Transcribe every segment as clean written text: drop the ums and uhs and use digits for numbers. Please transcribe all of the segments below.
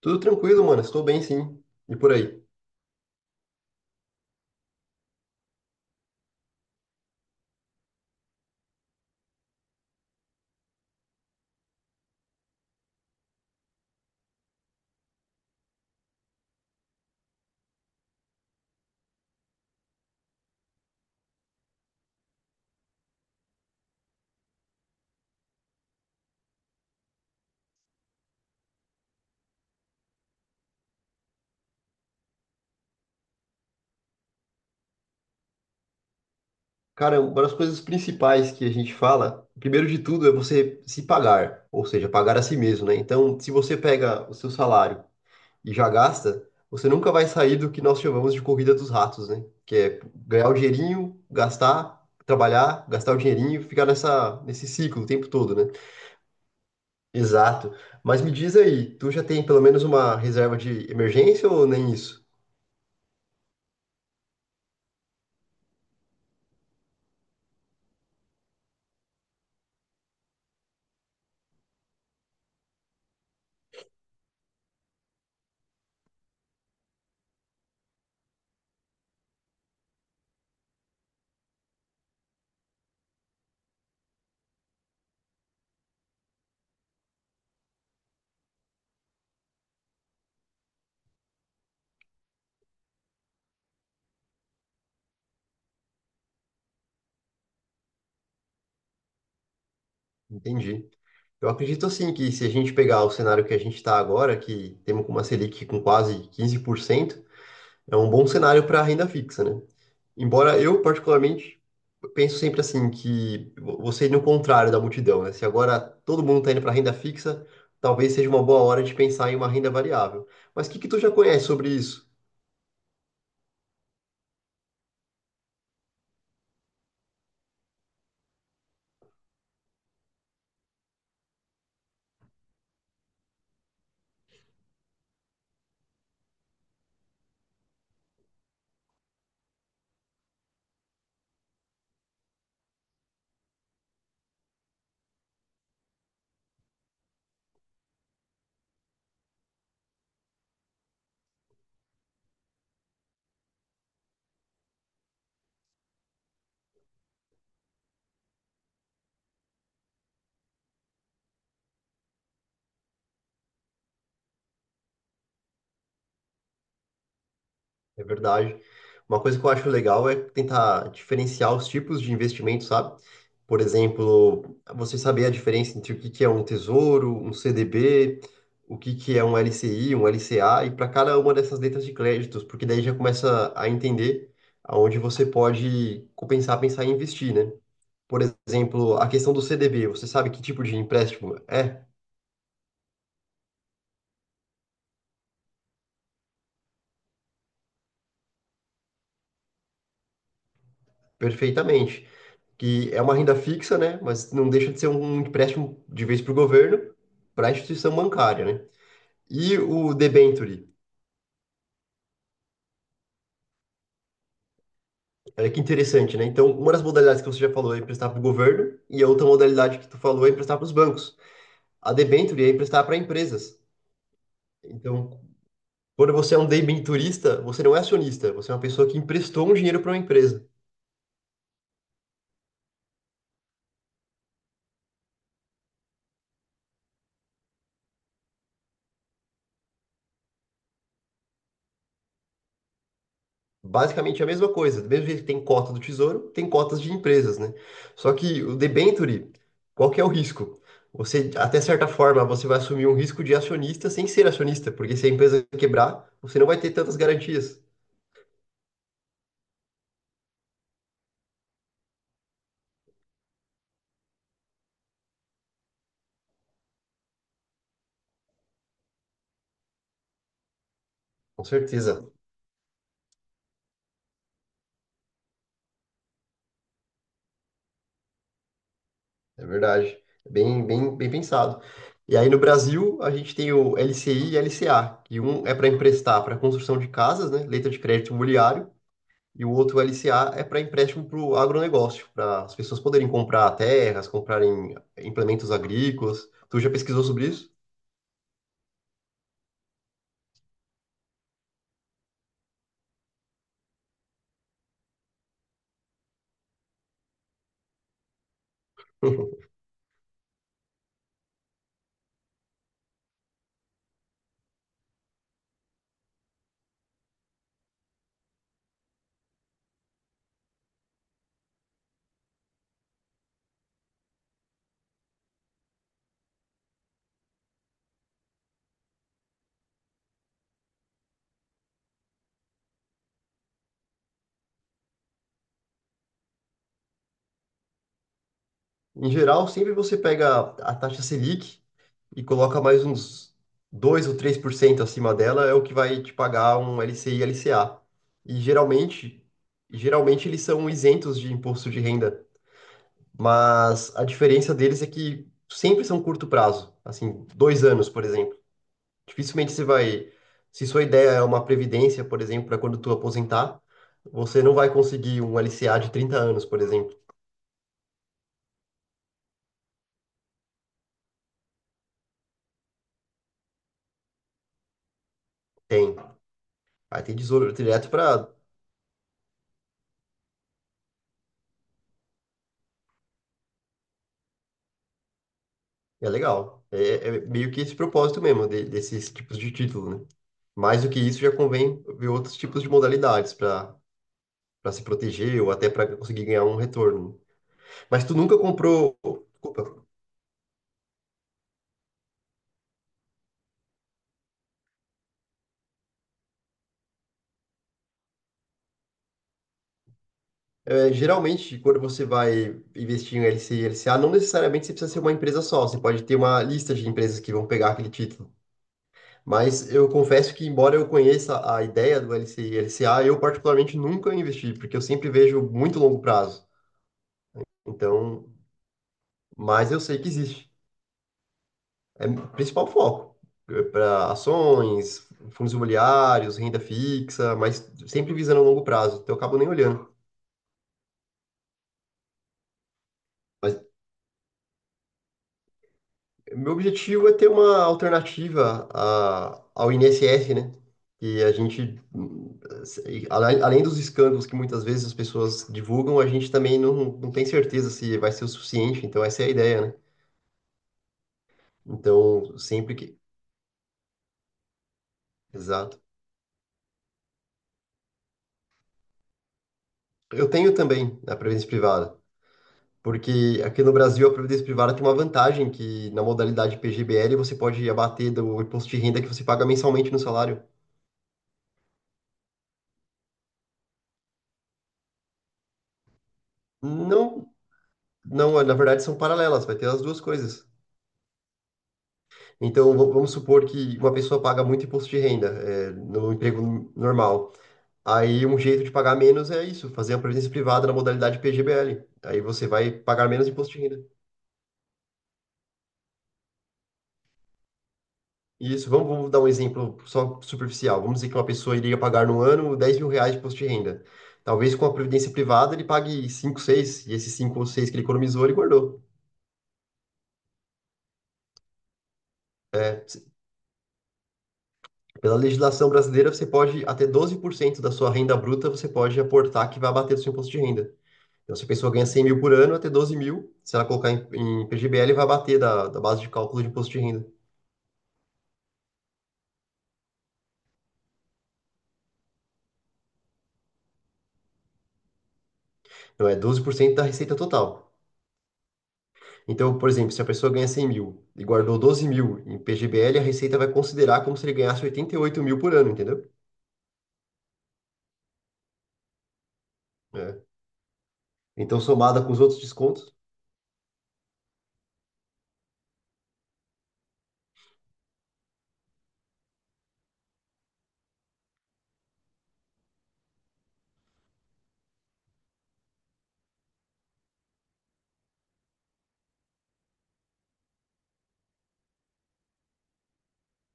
Tudo tranquilo, mano. Estou bem, sim. E por aí. Cara, uma das coisas principais que a gente fala, primeiro de tudo, é você se pagar, ou seja, pagar a si mesmo, né? Então, se você pega o seu salário e já gasta, você nunca vai sair do que nós chamamos de corrida dos ratos, né? Que é ganhar o dinheirinho, gastar, trabalhar, gastar o dinheirinho, ficar nessa, nesse ciclo o tempo todo, né? Exato. Mas me diz aí, tu já tem pelo menos uma reserva de emergência ou nem isso? Entendi. Eu acredito assim que se a gente pegar o cenário que a gente está agora, que temos com uma Selic com quase 15%, é um bom cenário para renda fixa, né? Embora eu, particularmente, penso sempre assim que você ir no contrário da multidão, né? Se agora todo mundo está indo para renda fixa, talvez seja uma boa hora de pensar em uma renda variável. Mas o que que tu já conhece sobre isso? É verdade. Uma coisa que eu acho legal é tentar diferenciar os tipos de investimento, sabe? Por exemplo, você saber a diferença entre o que que é um tesouro, um CDB, o que que é um LCI, um LCA, e para cada uma dessas letras de créditos, porque daí já começa a entender aonde você pode compensar, pensar em investir, né? Por exemplo, a questão do CDB, você sabe que tipo de empréstimo é? Perfeitamente, que é uma renda fixa, né? Mas não deixa de ser um empréstimo de vez para o governo, para a instituição bancária, né? E o debenture, olha que interessante, né? Então, uma das modalidades que você já falou é emprestar para o governo, e a outra modalidade que tu falou é emprestar para os bancos. A debenture é emprestar para empresas. Então, quando você é um debenturista, você não é acionista, você é uma pessoa que emprestou um dinheiro para uma empresa. Basicamente é a mesma coisa. Do mesmo jeito que tem cota do Tesouro, tem cotas de empresas, né? Só que o debenture, qual que é o risco? Você, até certa forma, você vai assumir um risco de acionista sem ser acionista, porque se a empresa quebrar, você não vai ter tantas garantias. Com certeza, é verdade. É. Bem, bem, bem pensado. E aí no Brasil, a gente tem o LCI e LCA, que um é para emprestar para construção de casas, né? Letra de crédito imobiliário. E o outro LCA é para empréstimo para o agronegócio, para as pessoas poderem comprar terras, comprarem implementos agrícolas. Tu já pesquisou sobre isso? Em geral, sempre você pega a taxa Selic e coloca mais uns 2 ou 3% acima dela, é o que vai te pagar um LCI e LCA. E geralmente, eles são isentos de imposto de renda, mas a diferença deles é que sempre são curto prazo, assim, 2 anos, por exemplo. Dificilmente você vai. Se sua ideia é uma previdência, por exemplo, para quando tu aposentar, você não vai conseguir um LCA de 30 anos, por exemplo. Tem. Aí tem tesouro direto para. É legal. É, é meio que esse propósito mesmo desses tipos de título, né? Mais do que isso, já convém ver outros tipos de modalidades para se proteger ou até para conseguir ganhar um retorno. Mas tu nunca comprou. Desculpa. É, geralmente, quando você vai investir em LC e LCA, não necessariamente você precisa ser uma empresa só, você pode ter uma lista de empresas que vão pegar aquele título. Mas eu confesso que, embora eu conheça a ideia do LC e LCA, eu particularmente nunca investi, porque eu sempre vejo muito longo prazo. Então, mas eu sei que existe. É o principal foco para ações, fundos imobiliários, renda fixa, mas sempre visando a longo prazo. Então, eu acabo nem olhando. Mas meu objetivo é ter uma alternativa ao INSS, né? E a gente, além dos escândalos que muitas vezes as pessoas divulgam, a gente também não, não tem certeza se vai ser o suficiente. Então, essa é a ideia, né? Então, sempre que. Exato. Eu tenho também a previdência privada, porque aqui no Brasil a previdência privada tem uma vantagem que na modalidade PGBL você pode abater do imposto de renda que você paga mensalmente no salário. Não, não, na verdade são paralelas, vai ter as duas coisas. Então, vamos supor que uma pessoa paga muito imposto de renda, é, no emprego normal. Aí, um jeito de pagar menos é isso, fazer uma previdência privada na modalidade PGBL. Aí você vai pagar menos imposto de renda. Isso, vamos dar um exemplo só superficial. Vamos dizer que uma pessoa iria pagar no ano R$ 10.000 de imposto de renda. Talvez com a previdência privada ele pague 5, 6 e esses 5 ou 6 que ele economizou, ele guardou. Pela legislação brasileira, você pode, até 12% da sua renda bruta, você pode aportar que vai abater do seu imposto de renda. Então, se a pessoa ganha 100 mil por ano, vai ter 12 mil. Se ela colocar em, PGBL, vai bater da base de cálculo de imposto de renda. Então, é 12% da receita total. Então, por exemplo, se a pessoa ganha 100 mil e guardou 12 mil em PGBL, a receita vai considerar como se ele ganhasse 88 mil por ano, entendeu? É. Então, somada com os outros descontos,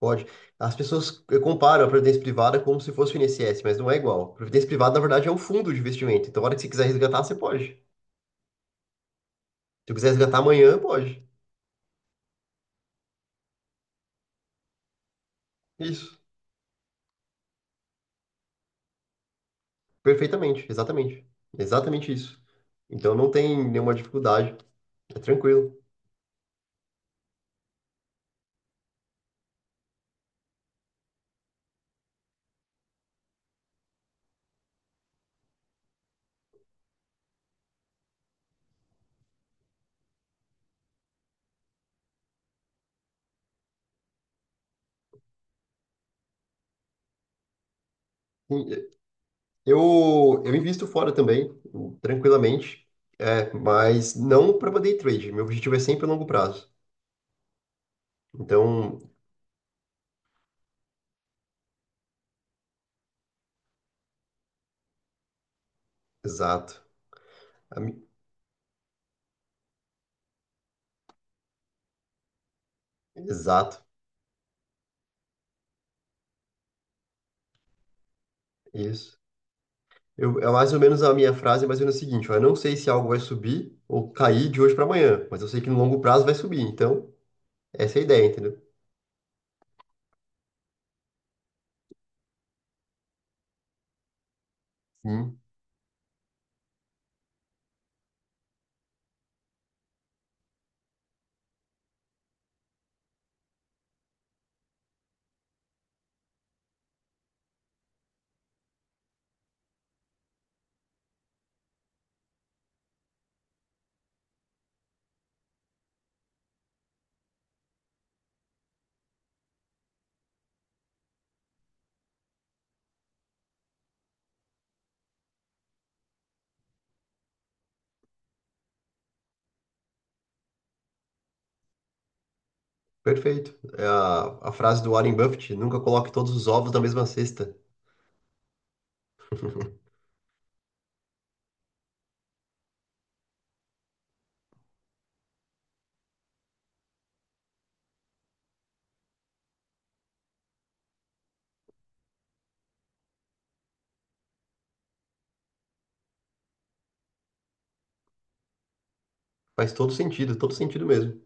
pode. As pessoas comparam a previdência privada como se fosse o INSS, mas não é igual. A previdência privada, na verdade, é um fundo de investimento. Então, a hora que você quiser resgatar, você pode. Se eu quiser resgatar amanhã, pode. Isso. Perfeitamente, exatamente. Exatamente isso. Então não tem nenhuma dificuldade, é tranquilo. E eu invisto fora também, tranquilamente, é, mas não para day trade. Meu objetivo é sempre a longo prazo. Então, exato. A mi- Exato, isso. Eu, é mais ou menos a minha frase, mas é o seguinte, ó, eu não sei se algo vai subir ou cair de hoje para amanhã, mas eu sei que no longo prazo vai subir. Então, essa é a ideia, entendeu? Perfeito. É a frase do Warren Buffett, nunca coloque todos os ovos na mesma cesta. Faz todo sentido mesmo.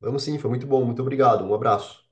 Vamos sim, foi muito bom, muito obrigado. Um abraço.